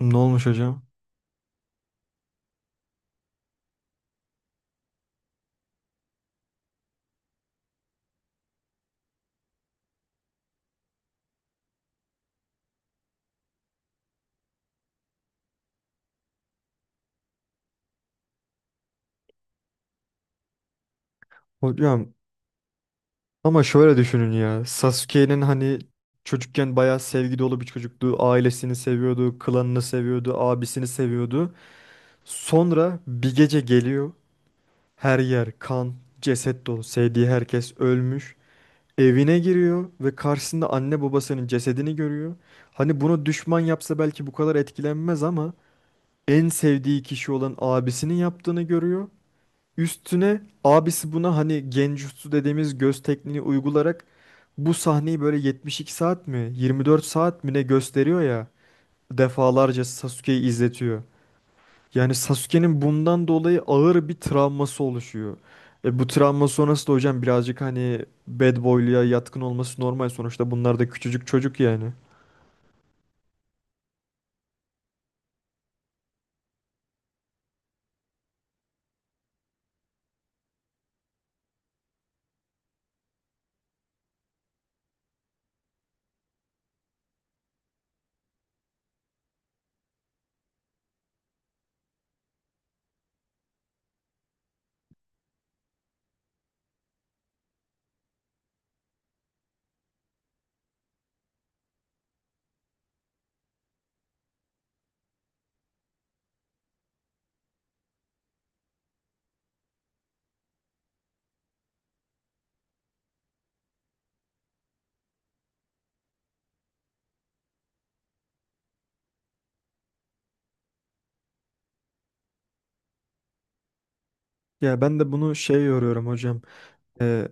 Ne olmuş hocam? Hocam ama şöyle düşünün ya. Sasuke'nin hani çocukken bayağı sevgi dolu bir çocuktu. Ailesini seviyordu, klanını seviyordu, abisini seviyordu. Sonra bir gece geliyor. Her yer kan, ceset dolu. Sevdiği herkes ölmüş. Evine giriyor ve karşısında anne babasının cesedini görüyor. Hani bunu düşman yapsa belki bu kadar etkilenmez ama en sevdiği kişi olan abisinin yaptığını görüyor. Üstüne abisi buna hani genjutsu dediğimiz göz tekniğini uygularak bu sahneyi böyle 72 saat mi 24 saat mi ne gösteriyor ya, defalarca Sasuke'yi izletiyor. Yani Sasuke'nin bundan dolayı ağır bir travması oluşuyor. E bu travma sonrası da hocam birazcık hani bad boy'luya yatkın olması normal, sonuçta bunlar da küçücük çocuk yani. Ya ben de bunu şey yoruyorum hocam. E,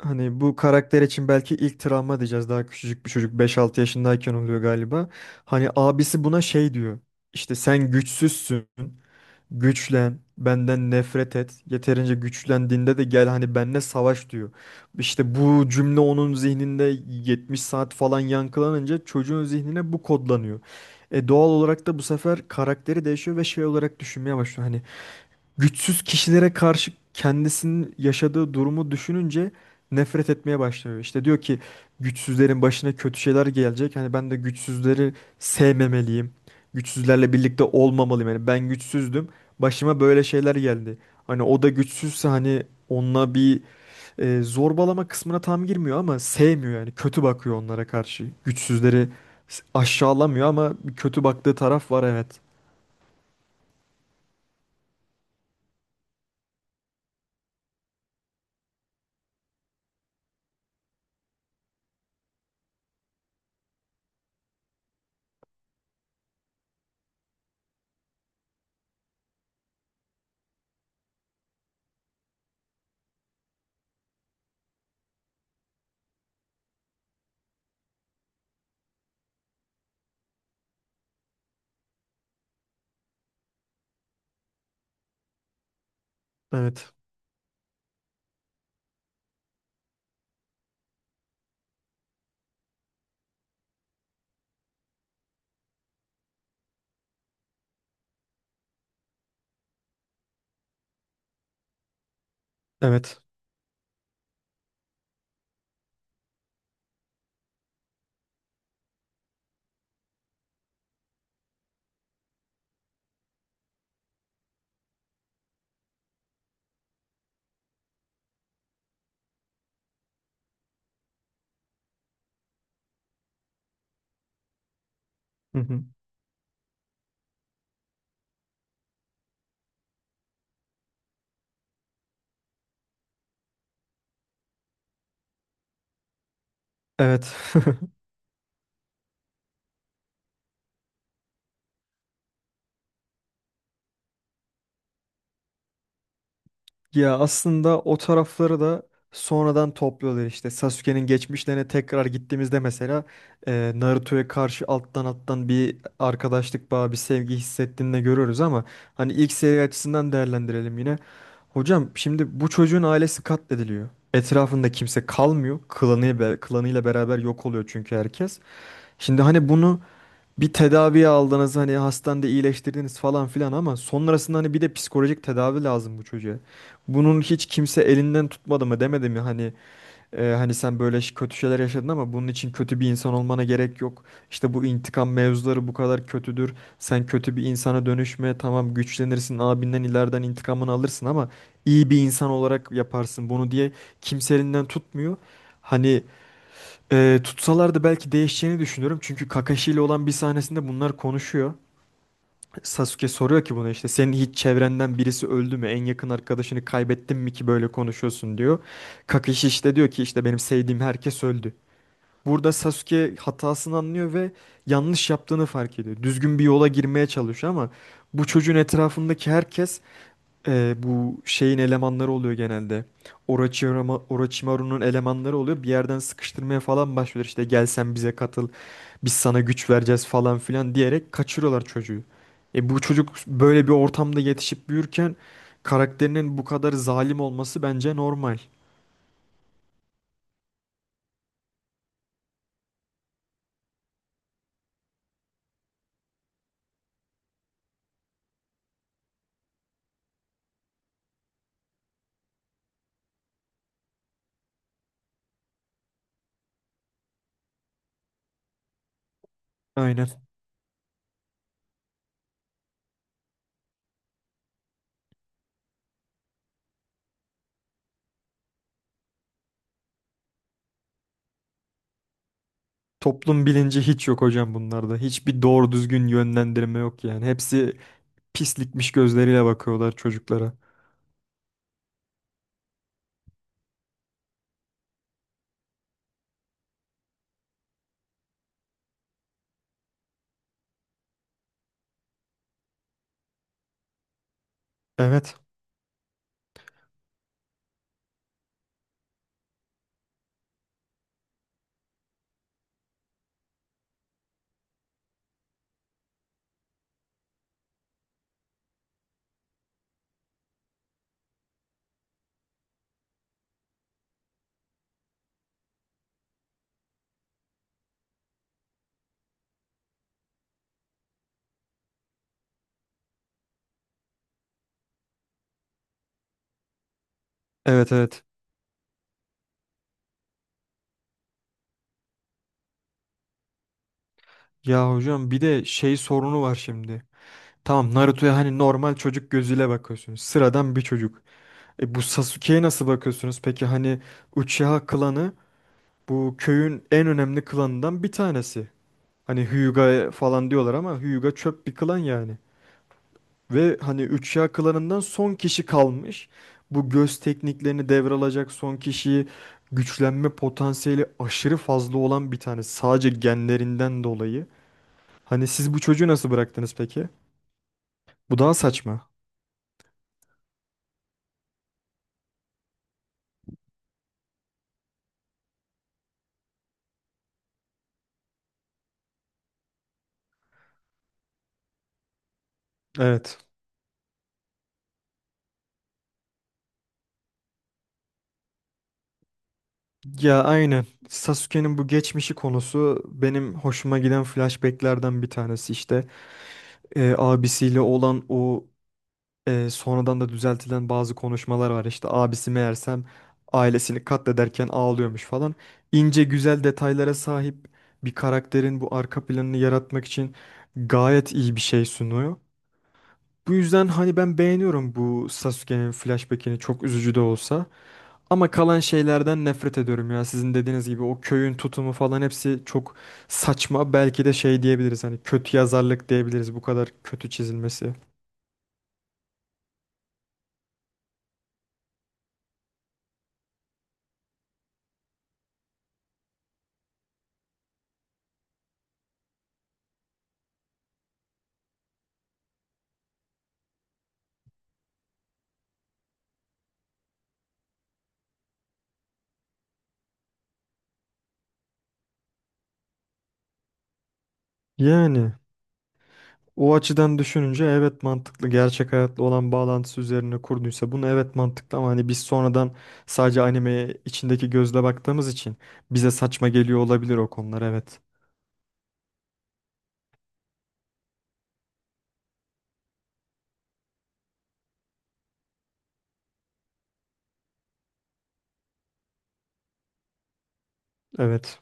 Hani bu karakter için belki ilk travma diyeceğiz. Daha küçücük bir çocuk beş altı yaşındayken oluyor galiba. Hani abisi buna şey diyor. İşte sen güçsüzsün. Güçlen. Benden nefret et. Yeterince güçlendiğinde de gel hani benimle savaş diyor. İşte bu cümle onun zihninde 70 saat falan yankılanınca çocuğun zihnine bu kodlanıyor. E doğal olarak da bu sefer karakteri değişiyor ve şey olarak düşünmeye başlıyor. Hani güçsüz kişilere karşı kendisinin yaşadığı durumu düşününce nefret etmeye başlıyor. İşte diyor ki güçsüzlerin başına kötü şeyler gelecek. Hani ben de güçsüzleri sevmemeliyim. Güçsüzlerle birlikte olmamalıyım. Yani ben güçsüzdüm. Başıma böyle şeyler geldi. Hani o da güçsüzse hani onunla bir zorbalama kısmına tam girmiyor ama sevmiyor yani. Kötü bakıyor onlara karşı. Güçsüzleri aşağılamıyor ama bir kötü baktığı taraf var, evet. Evet. Evet. Hı hı. Evet. Ya aslında o tarafları da sonradan topluyorlar işte. Sasuke'nin geçmişlerine tekrar gittiğimizde mesela Naruto'ya karşı alttan alttan bir arkadaşlık bağı, bir sevgi hissettiğini de görüyoruz ama hani ilk seri açısından değerlendirelim yine. Hocam şimdi bu çocuğun ailesi katlediliyor. Etrafında kimse kalmıyor. Klanı, klanıyla beraber yok oluyor çünkü herkes. Şimdi hani bunu bir tedavi aldınız, hani hastanede iyileştirdiniz falan filan ama sonrasında hani bir de psikolojik tedavi lazım bu çocuğa. Bunun hiç kimse elinden tutmadı mı, demedi mi hani hani sen böyle kötü şeyler yaşadın ama bunun için kötü bir insan olmana gerek yok. İşte bu intikam mevzuları bu kadar kötüdür. Sen kötü bir insana dönüşme, tamam güçlenirsin abinden ileriden intikamını alırsın ama iyi bir insan olarak yaparsın bunu diye kimse elinden tutmuyor. Hani tutsalar da belki değişeceğini düşünüyorum. Çünkü Kakashi ile olan bir sahnesinde bunlar konuşuyor. Sasuke soruyor ki buna işte senin hiç çevrenden birisi öldü mü? En yakın arkadaşını kaybettin mi ki böyle konuşuyorsun diyor. Kakashi işte diyor ki işte benim sevdiğim herkes öldü. Burada Sasuke hatasını anlıyor ve yanlış yaptığını fark ediyor. Düzgün bir yola girmeye çalışıyor ama bu çocuğun etrafındaki herkes bu şeyin elemanları oluyor genelde. Orochimaru, Orochimaru'nun elemanları oluyor. Bir yerden sıkıştırmaya falan başlıyor. İşte gel sen bize katıl. Biz sana güç vereceğiz falan filan diyerek kaçırıyorlar çocuğu. E bu çocuk böyle bir ortamda yetişip büyürken karakterinin bu kadar zalim olması bence normal. Aynen. Toplum bilinci hiç yok hocam bunlarda. Hiçbir doğru düzgün yönlendirme yok yani. Hepsi pislikmiş gözleriyle bakıyorlar çocuklara. Evet. Evet, evet. Ya hocam bir de şey sorunu var şimdi. Tamam, Naruto'ya hani normal çocuk gözüyle bakıyorsunuz. Sıradan bir çocuk. E bu Sasuke'ye nasıl bakıyorsunuz? Peki hani Uchiha klanı bu köyün en önemli klanından bir tanesi. Hani Hyuga falan diyorlar ama Hyuga çöp bir klan yani. Ve hani üç Uchiha klanından son kişi kalmış. Bu göz tekniklerini devralacak son kişiyi, güçlenme potansiyeli aşırı fazla olan bir tane. Sadece genlerinden dolayı. Hani siz bu çocuğu nasıl bıraktınız peki? Bu daha saçma. Evet. Ya aynen. Sasuke'nin bu geçmişi konusu benim hoşuma giden flashbacklerden bir tanesi işte. Abisiyle olan o sonradan da düzeltilen bazı konuşmalar var. İşte abisi meğersem ailesini katlederken ağlıyormuş falan. İnce güzel detaylara sahip bir karakterin bu arka planını yaratmak için gayet iyi bir şey sunuyor. Bu yüzden hani ben beğeniyorum bu Sasuke'nin flashback'ini, çok üzücü de olsa. Ama kalan şeylerden nefret ediyorum ya. Sizin dediğiniz gibi o köyün tutumu falan hepsi çok saçma. Belki de şey diyebiliriz, hani kötü yazarlık diyebiliriz bu kadar kötü çizilmesi. Yani o açıdan düşününce evet, mantıklı. Gerçek hayatla olan bağlantısı üzerine kurduysa bunu, evet mantıklı ama hani biz sonradan sadece animeye içindeki gözle baktığımız için bize saçma geliyor olabilir o konular, evet. Evet.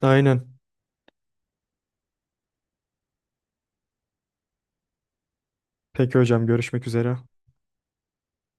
Aynen. Peki hocam, görüşmek üzere.